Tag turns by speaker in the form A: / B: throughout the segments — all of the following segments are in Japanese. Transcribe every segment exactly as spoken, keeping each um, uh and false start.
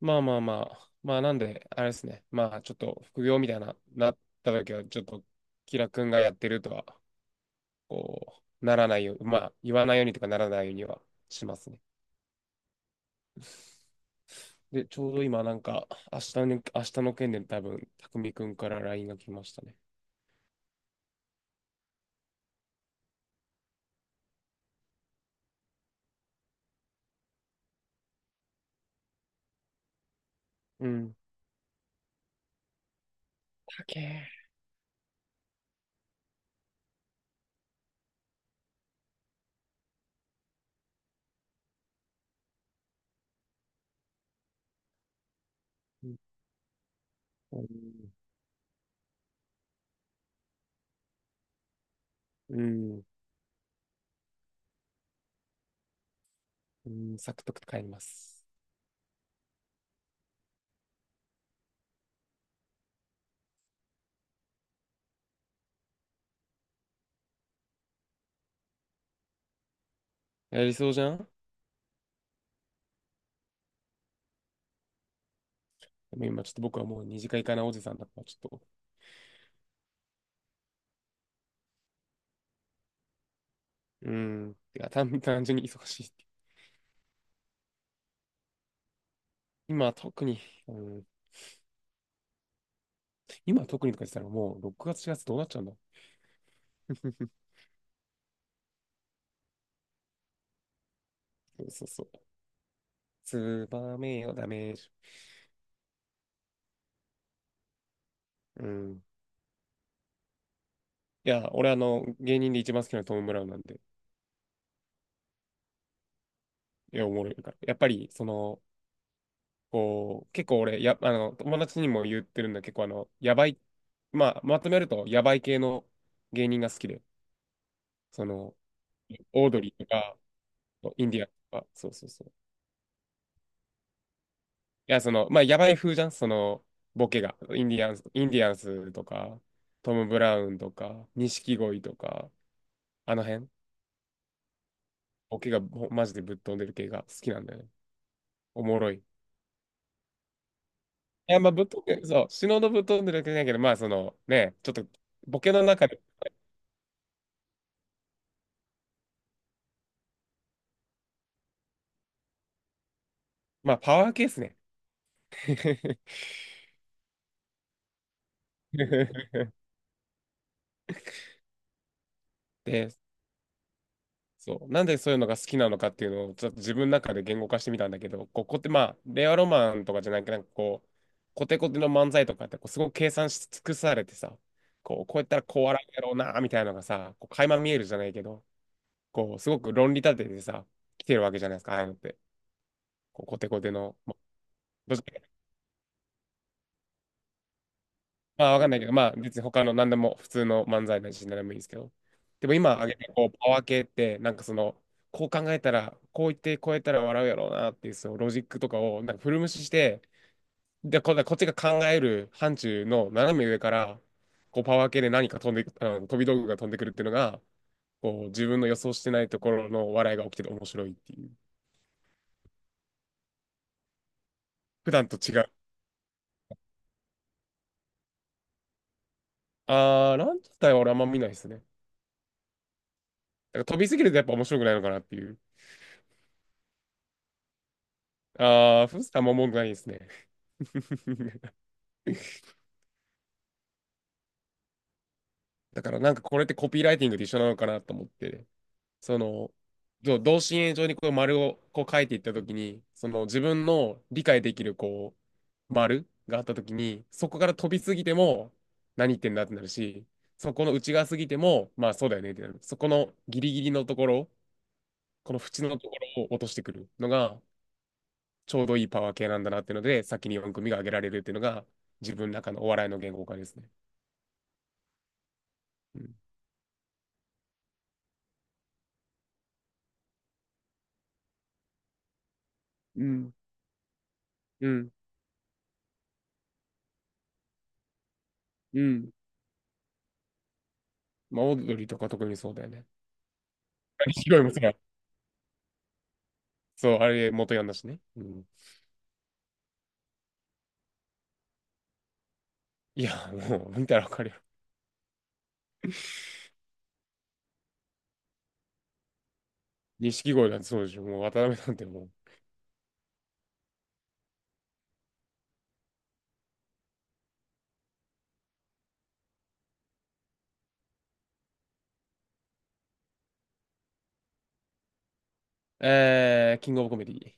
A: まあまあまあ、まあなんで、あれですね。まあちょっと副業みたいな、なった時は、ちょっと、キラ君がやってるとは、こう、ならないよう、まあ言わないようにとかならないようにはしますね。で、ちょうど今なんか、明日の、明日の件で多分、匠君から ライン が来ましたね。うん。かけうん。うん。うん、サクッと帰ります。やりそうじゃん。でも今ちょっと僕はもう二次会かなおじさんだから、ちょっと、うん。てか単単純に忙しい。今特に、うん、今特にとか言ってたらもうろくがつ、しがつどうなっちゃうんだ。 そうそうそう。ツバメよ、ダメージ。うん。いや、俺あの、芸人で一番好きなのはトム・ブラウンなんで、いや、おもろいから。やっぱり、その、こう、結構俺、や、あの、友達にも言ってるんだけど、結構あの、やばい、まあ、まとめると、やばい系の芸人が好きで、その、オードリーとか、インディアンとか、そうそうそう。いや、その、まあ、やばい風じゃん、その、ボケが。インディアンス、インディアンスとか、トム・ブラウンとか、錦鯉とか、あの辺、ボケがほマジでぶっ飛んでる系が好きなんだよね。おもろい。いや、まあ、ぶっ飛んでる、そう、死ぬほどぶっ飛んでる系だけど、まあ、その、ね、ちょっと、ボケの中で、まあ、パワー系っすね。で、そう。なんでそういうのが好きなのかっていうのをちょっと自分の中で言語化してみたんだけど、こう、こって、まあ、令和ロマンとかじゃなくて、なんかこう、コテコテの漫才とかってこうすごく計算し尽くされてさ、こう、こうやったらこう笑うやろうな、みたいなのがさ、こう、垣間見えるじゃないけど、こう、すごく論理立ててさ、来てるわけじゃないですか、ああいうのって。こう、コテコテの、まあ、どっちか、まあ、わかんないけど、まあ、別に他の何でも、普通の漫才なし何でもいいんですけど。でも今挙げた、こう、パワー系って、なんかその、こう考えたら、こう言って、こうやったら笑うやろうなっていう、そのロジックとかを、なんか古無視して、で、こ、こっちが考える範疇の斜め上から、こう、パワー系で何か飛んでく、あの飛び道具が飛んでくるっていうのが、こう、自分の予想してないところの笑いが起きてて面白いっていう。普段と違う。あー、ランジャタイは俺あんま見ないですね。だから飛びすぎるとやっぱ面白くないのかなっていう。あー、フースターも文句ないですね。だからなんかこれってコピーライティングと一緒なのかなと思って、その、同心円状にこう丸をこう書いていったときに、その自分の理解できるこう丸があったときに、そこから飛びすぎても何言ってんだってなるし、そこの内側すぎても、まあそうだよねってなる。そこのギリギリのところ、この縁のところを落としてくるのが、ちょうどいいパワー系なんだなっていうので、先によんくみ組が挙げられるっていうのが、自分の中のお笑いの言語化ですね。うん。うん。うん。うん。まあ、オードリーとか特にそうだよね。錦鯉もそうだ。そう、あれ元ヤンだしね。うん。いや、もう、見たらわかるよ。錦鯉なんてそうでしょ。もう、渡辺なんてもう。えー、キングオブコメディ。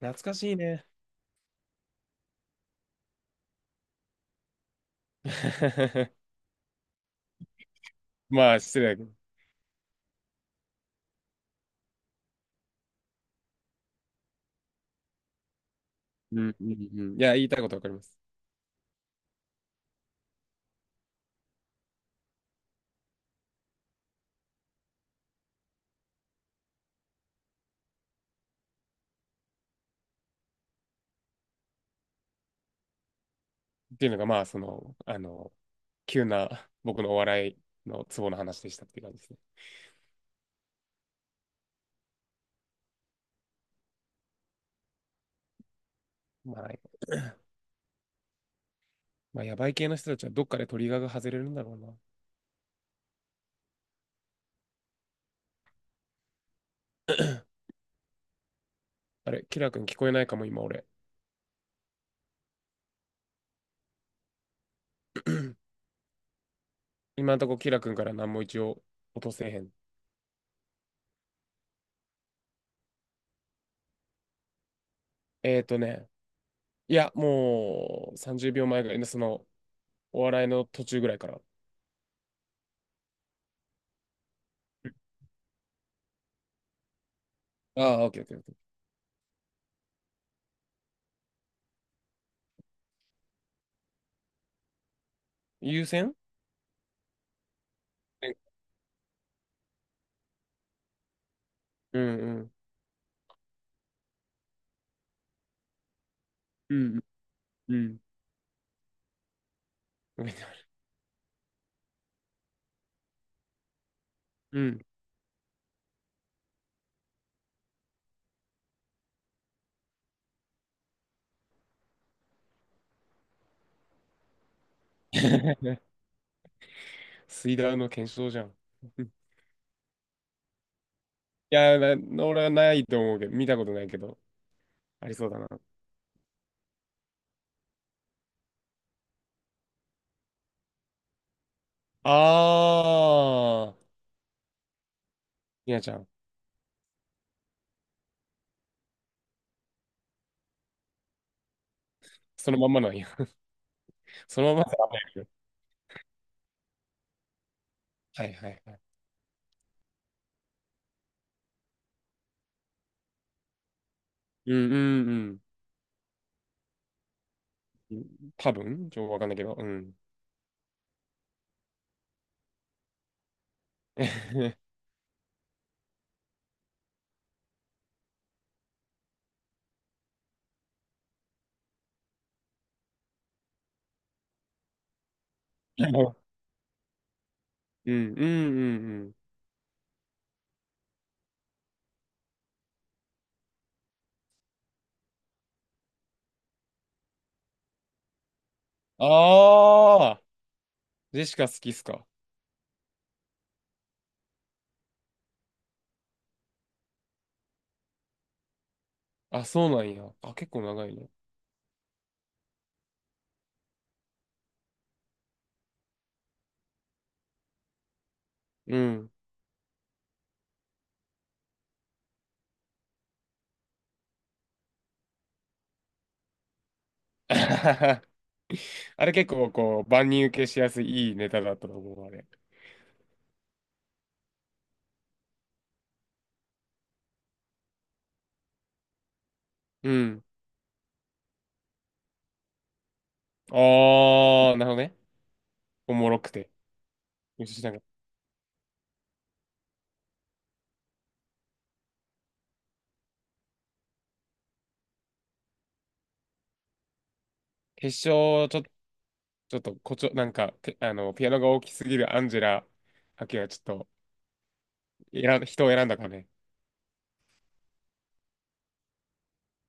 A: 懐かしいね。まあ、失礼だけど。うん、うん、うん。いや、言いたいことわかります。っていうのが、まあ、その、あの、急な僕のお笑いのツボの話でしたっていう感じですね。まあ、まあ、やばい系の人たちはどっかでトリガーが外れるんだろうな。あれ、キラー君聞こえないかも、今俺。今んとこ、キラ君から何も一応落とせへん。えっとね、いや、もうさんじゅうびょうまえぐらいの、その、お笑いの途中ぐらいから。ああ、オッケーオッケーオッケー。優先うんうん。うんうん。うん。うん。 スイダー の検証じゃん。うん。いや、な俺はないと思うけど、見たことないけど、ありそうだな。ああ、みなちゃん、そのまんまなんや。そのまんまだね。はいはいはい。うんうんうん。多分、ちょっとわかんないけど、うん。はい。うん、うん、うん、うん。ああ、ジェシカ好きっすか。あ、そうなんや。あ、結構長いね。うん。あれ結構こう、万人受けしやすいいいネタだったと思う、あれ。うん。ああ、なるほどね。おもろくて。よし、なんか、決勝、ちょ、ちょっと、こちょ、なんか、てあの、ピアノが大きすぎるアンジェラ・ハケはちょっと、選ん、人を選んだかね。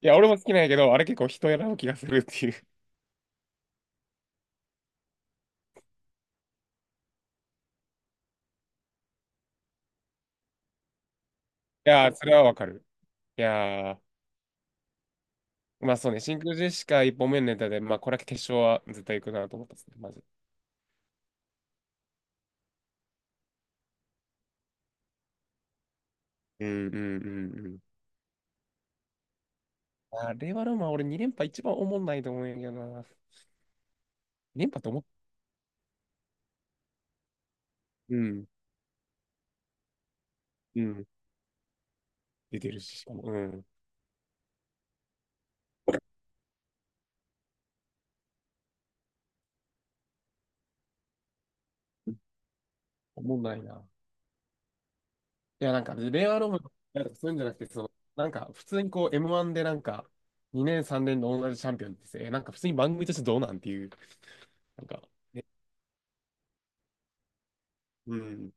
A: いや、俺も好きなんやけど、あれ結構人を選ぶ気がするっていう。いやー、それはわかる。いやー、まあそうね、真空ジェシカ一本目のネタで、まあこれは決勝は絶対行くなと思ったですね、マジ。うんうんうんうん。あれはでも俺にれんぱ連覇一番おもんないと思うんやけどな。連覇って思っ、うん、うん、出てるし、しかも、うん、おもんないな。いや、なんか、令和ロマンなんかそういうんじゃなくて、その、なんか、普通にこう、エムワン でなんか、にねん、さんねんの同じチャンピオンってさえなんか普通に番組としてどうなんっていう、なんか、うん。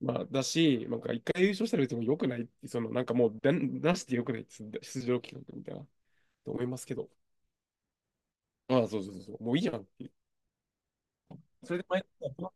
A: まあ、だし、なんか、一回優勝したら別に良くないって、その、なんかもう出、出して良くないって、出場企画みたいな。と思いますけど、ああ、そうそうそうそう、もういいじゃんっていう。それで毎回、この